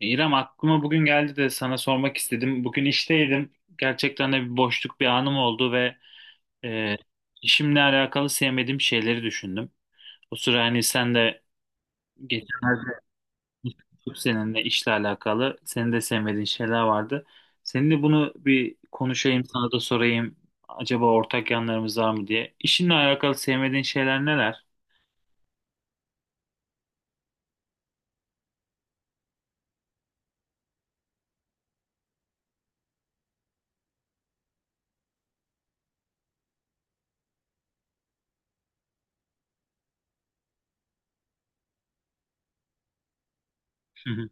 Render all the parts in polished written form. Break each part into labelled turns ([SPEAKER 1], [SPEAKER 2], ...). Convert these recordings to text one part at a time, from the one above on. [SPEAKER 1] İrem aklıma bugün geldi de sana sormak istedim. Bugün işteydim. Gerçekten de bir boşluk bir anım oldu ve e, işimle alakalı sevmediğim şeyleri düşündüm. O sıra hani sen de geçenlerde konuştuk seninle, işle alakalı senin de sevmediğin şeyler vardı. Seninle bunu bir konuşayım, sana da sorayım. Acaba ortak yanlarımız var mı diye. İşinle alakalı sevmediğin şeyler neler? Hı hı.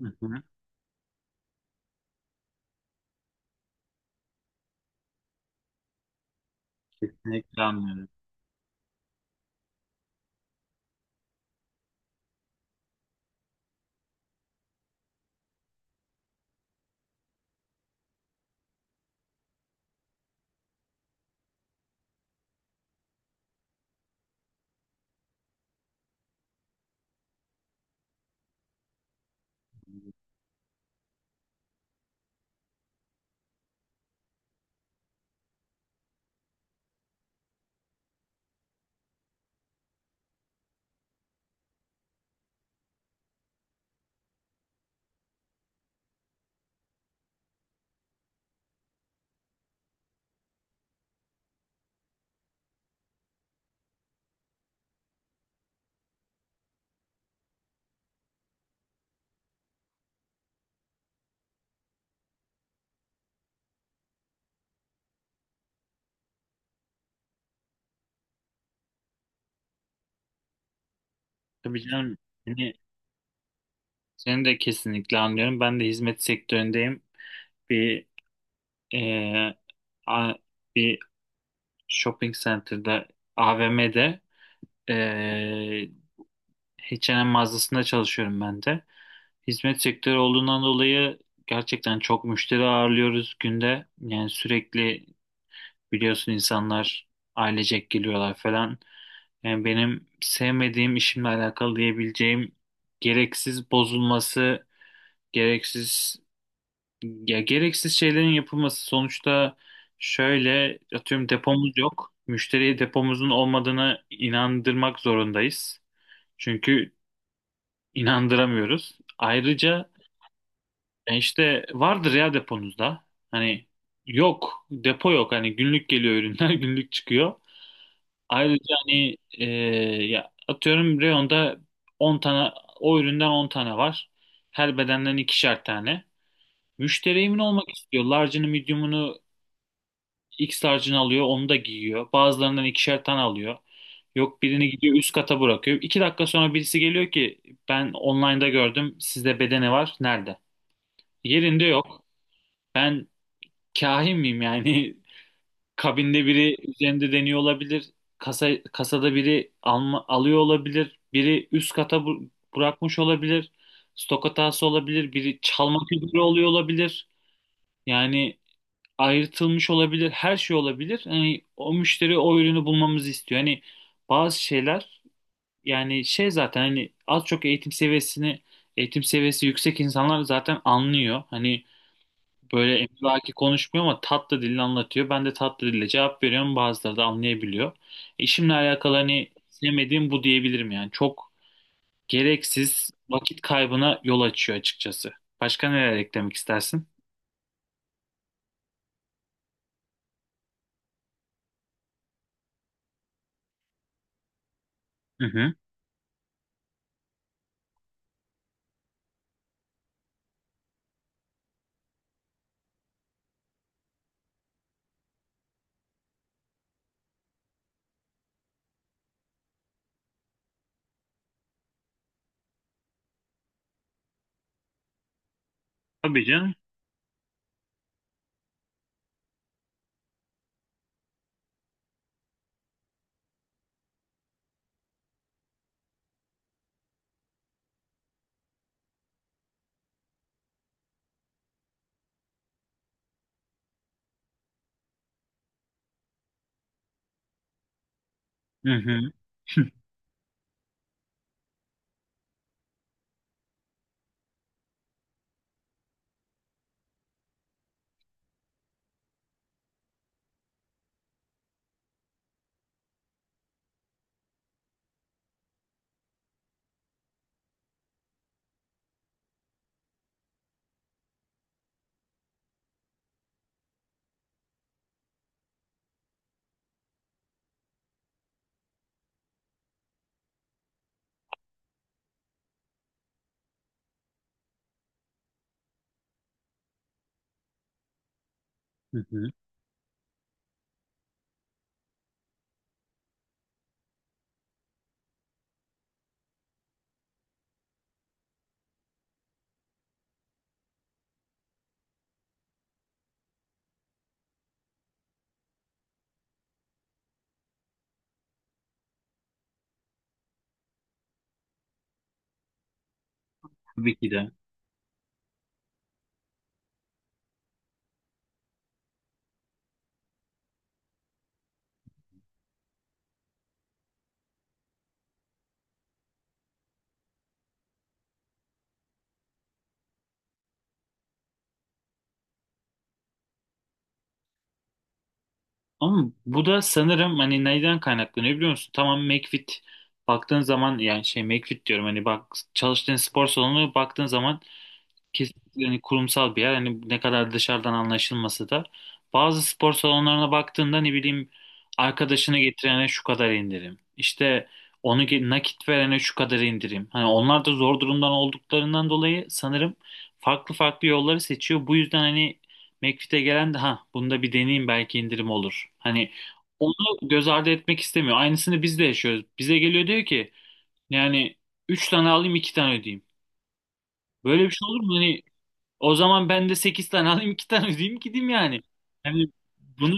[SPEAKER 1] Hı hı. Kesinlikle anlıyorum. Tabii canım. hani Seni de kesinlikle anlıyorum. Ben de hizmet sektöründeyim. Bir e, a- bir shopping center'da, AVM'de, e, H&M mağazasında çalışıyorum ben de. Hizmet sektörü olduğundan dolayı gerçekten çok müşteri ağırlıyoruz günde. Yani sürekli, biliyorsun, insanlar ailecek geliyorlar falan. Yani benim sevmediğim, işimle alakalı diyebileceğim, gereksiz bozulması, gereksiz ya, gereksiz şeylerin yapılması. Sonuçta şöyle, atıyorum, depomuz yok. Müşteriye depomuzun olmadığını inandırmak zorundayız. Çünkü inandıramıyoruz. Ayrıca işte vardır ya deponuzda. Hani yok, depo yok. Hani günlük geliyor ürünler günlük çıkıyor. Ayrıca hani ya, atıyorum, reyonda 10 tane, o üründen 10 tane var. Her bedenden 2'şer tane. Müşteri emin olmak istiyor. Large'ını, medium'unu, X tarcını alıyor, onu da giyiyor. Bazılarından 2'şer tane alıyor. Yok, birini gidiyor üst kata bırakıyor. 2 dakika sonra birisi geliyor ki ben online'da gördüm, sizde bedeni var, nerede? Yerinde yok. Ben kahin miyim yani? Kabinde biri üzerinde deniyor olabilir. Kasada biri alıyor olabilir. Biri üst kata bırakmış olabilir. Stok hatası olabilir. Biri çalmak üzere oluyor olabilir. Yani ayrıtılmış olabilir, her şey olabilir. Hani o müşteri o ürünü bulmamızı istiyor. Hani bazı şeyler, yani şey, zaten hani az çok eğitim seviyesi yüksek insanlar zaten anlıyor. Hani böyle emlaki konuşmuyor ama tatlı dille anlatıyor. Ben de tatlı dille cevap veriyorum. Bazıları da anlayabiliyor. İşimle alakalı hani sevmediğim bu diyebilirim yani. Çok gereksiz vakit kaybına yol açıyor açıkçası. Başka neler eklemek istersin? Hı hı. Tabii canım. Hı hı. Tabii ki de. Ama bu da, sanırım, hani neyden kaynaklanıyor biliyor musun? Tamam, McFit, baktığın zaman, yani şey, McFit diyorum hani, bak, çalıştığın spor salonu, baktığın zaman kesinlikle hani kurumsal bir yer. Hani ne kadar dışarıdan anlaşılması da. Bazı spor salonlarına baktığında, ne bileyim, arkadaşını getirene şu kadar indirim. İşte onu, nakit verene şu kadar indirim. Hani onlar da zor durumdan olduklarından dolayı sanırım farklı farklı yolları seçiyor. Bu yüzden hani McFit'e gelen de, ha bunda bir deneyeyim, belki indirim olur. Hani onu göz ardı etmek istemiyor. Aynısını biz de yaşıyoruz. Bize geliyor, diyor ki yani 3 tane alayım, 2 tane ödeyeyim. Böyle bir şey olur mu? Hani o zaman ben de 8 tane alayım, 2 tane ödeyeyim, gideyim yani. Hani bunu,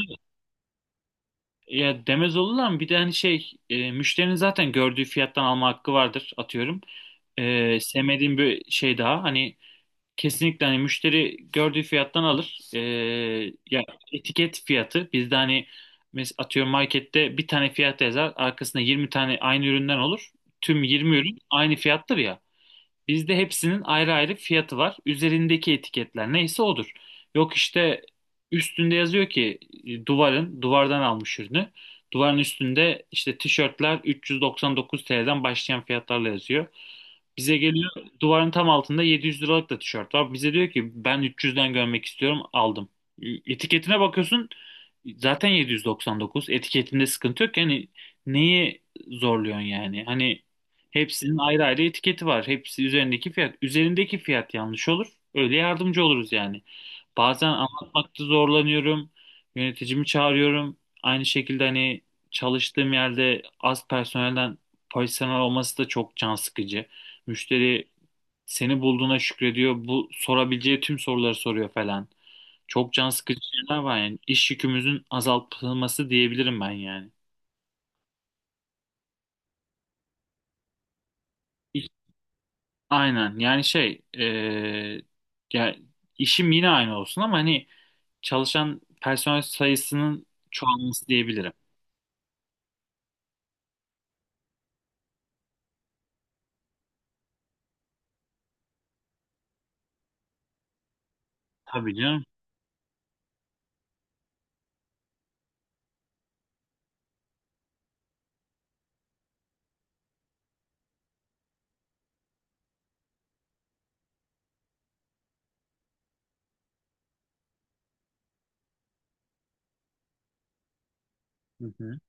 [SPEAKER 1] ya demez olurlar mı? Bir de hani şey, müşterinin zaten gördüğü fiyattan alma hakkı vardır, atıyorum. Sevmediğim bir şey daha hani, kesinlikle hani müşteri gördüğü fiyattan alır. Ya, etiket fiyatı bizde hani, atıyorum, markette bir tane fiyat yazar, arkasında 20 tane aynı üründen olur. Tüm 20 ürün aynı fiyattır ya. Bizde hepsinin ayrı ayrı fiyatı var. Üzerindeki etiketler neyse odur. Yok, işte üstünde yazıyor ki duvardan almış ürünü. Duvarın üstünde işte tişörtler 399 TL'den başlayan fiyatlarla yazıyor. Bize geliyor, duvarın tam altında 700 liralık da tişört var. Bize diyor ki ben 300'den görmek istiyorum, aldım. E, Etiketine bakıyorsun, zaten 799 etiketinde sıkıntı yok. Yani neyi zorluyorsun yani? Hani hepsinin ayrı ayrı etiketi var. Hepsi üzerindeki fiyat. Üzerindeki fiyat yanlış olur. Öyle yardımcı oluruz yani. Bazen anlatmakta zorlanıyorum. Yöneticimi çağırıyorum. Aynı şekilde hani çalıştığım yerde az personel olması da çok can sıkıcı. Müşteri seni bulduğuna şükrediyor. Bu sorabileceği tüm soruları soruyor falan. Çok can sıkıcı şeyler var yani. İş yükümüzün azaltılması diyebilirim ben yani. İş- Aynen, yani şey, ya, işim yine aynı olsun ama hani çalışan personel sayısının çoğalması diyebilirim. Tabii canım. Hı hı.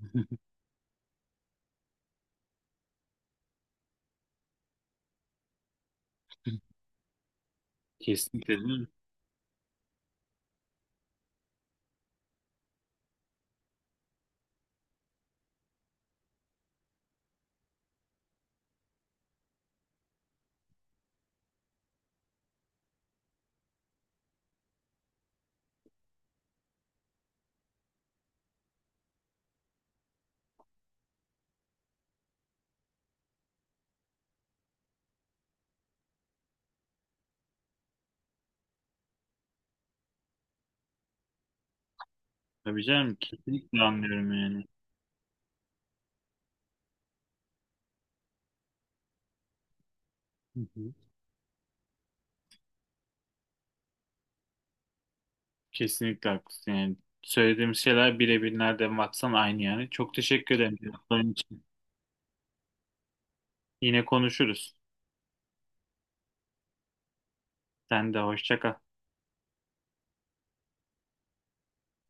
[SPEAKER 1] Kesinlikle değil mi? Tabii canım, kesinlikle anlıyorum yani. Hı hı. Kesinlikle haklısın yani. Söylediğimiz şeyler birebir nereden baksan aynı yani. Çok teşekkür ederim cevapların için. Yine konuşuruz. Sen de hoşça kal.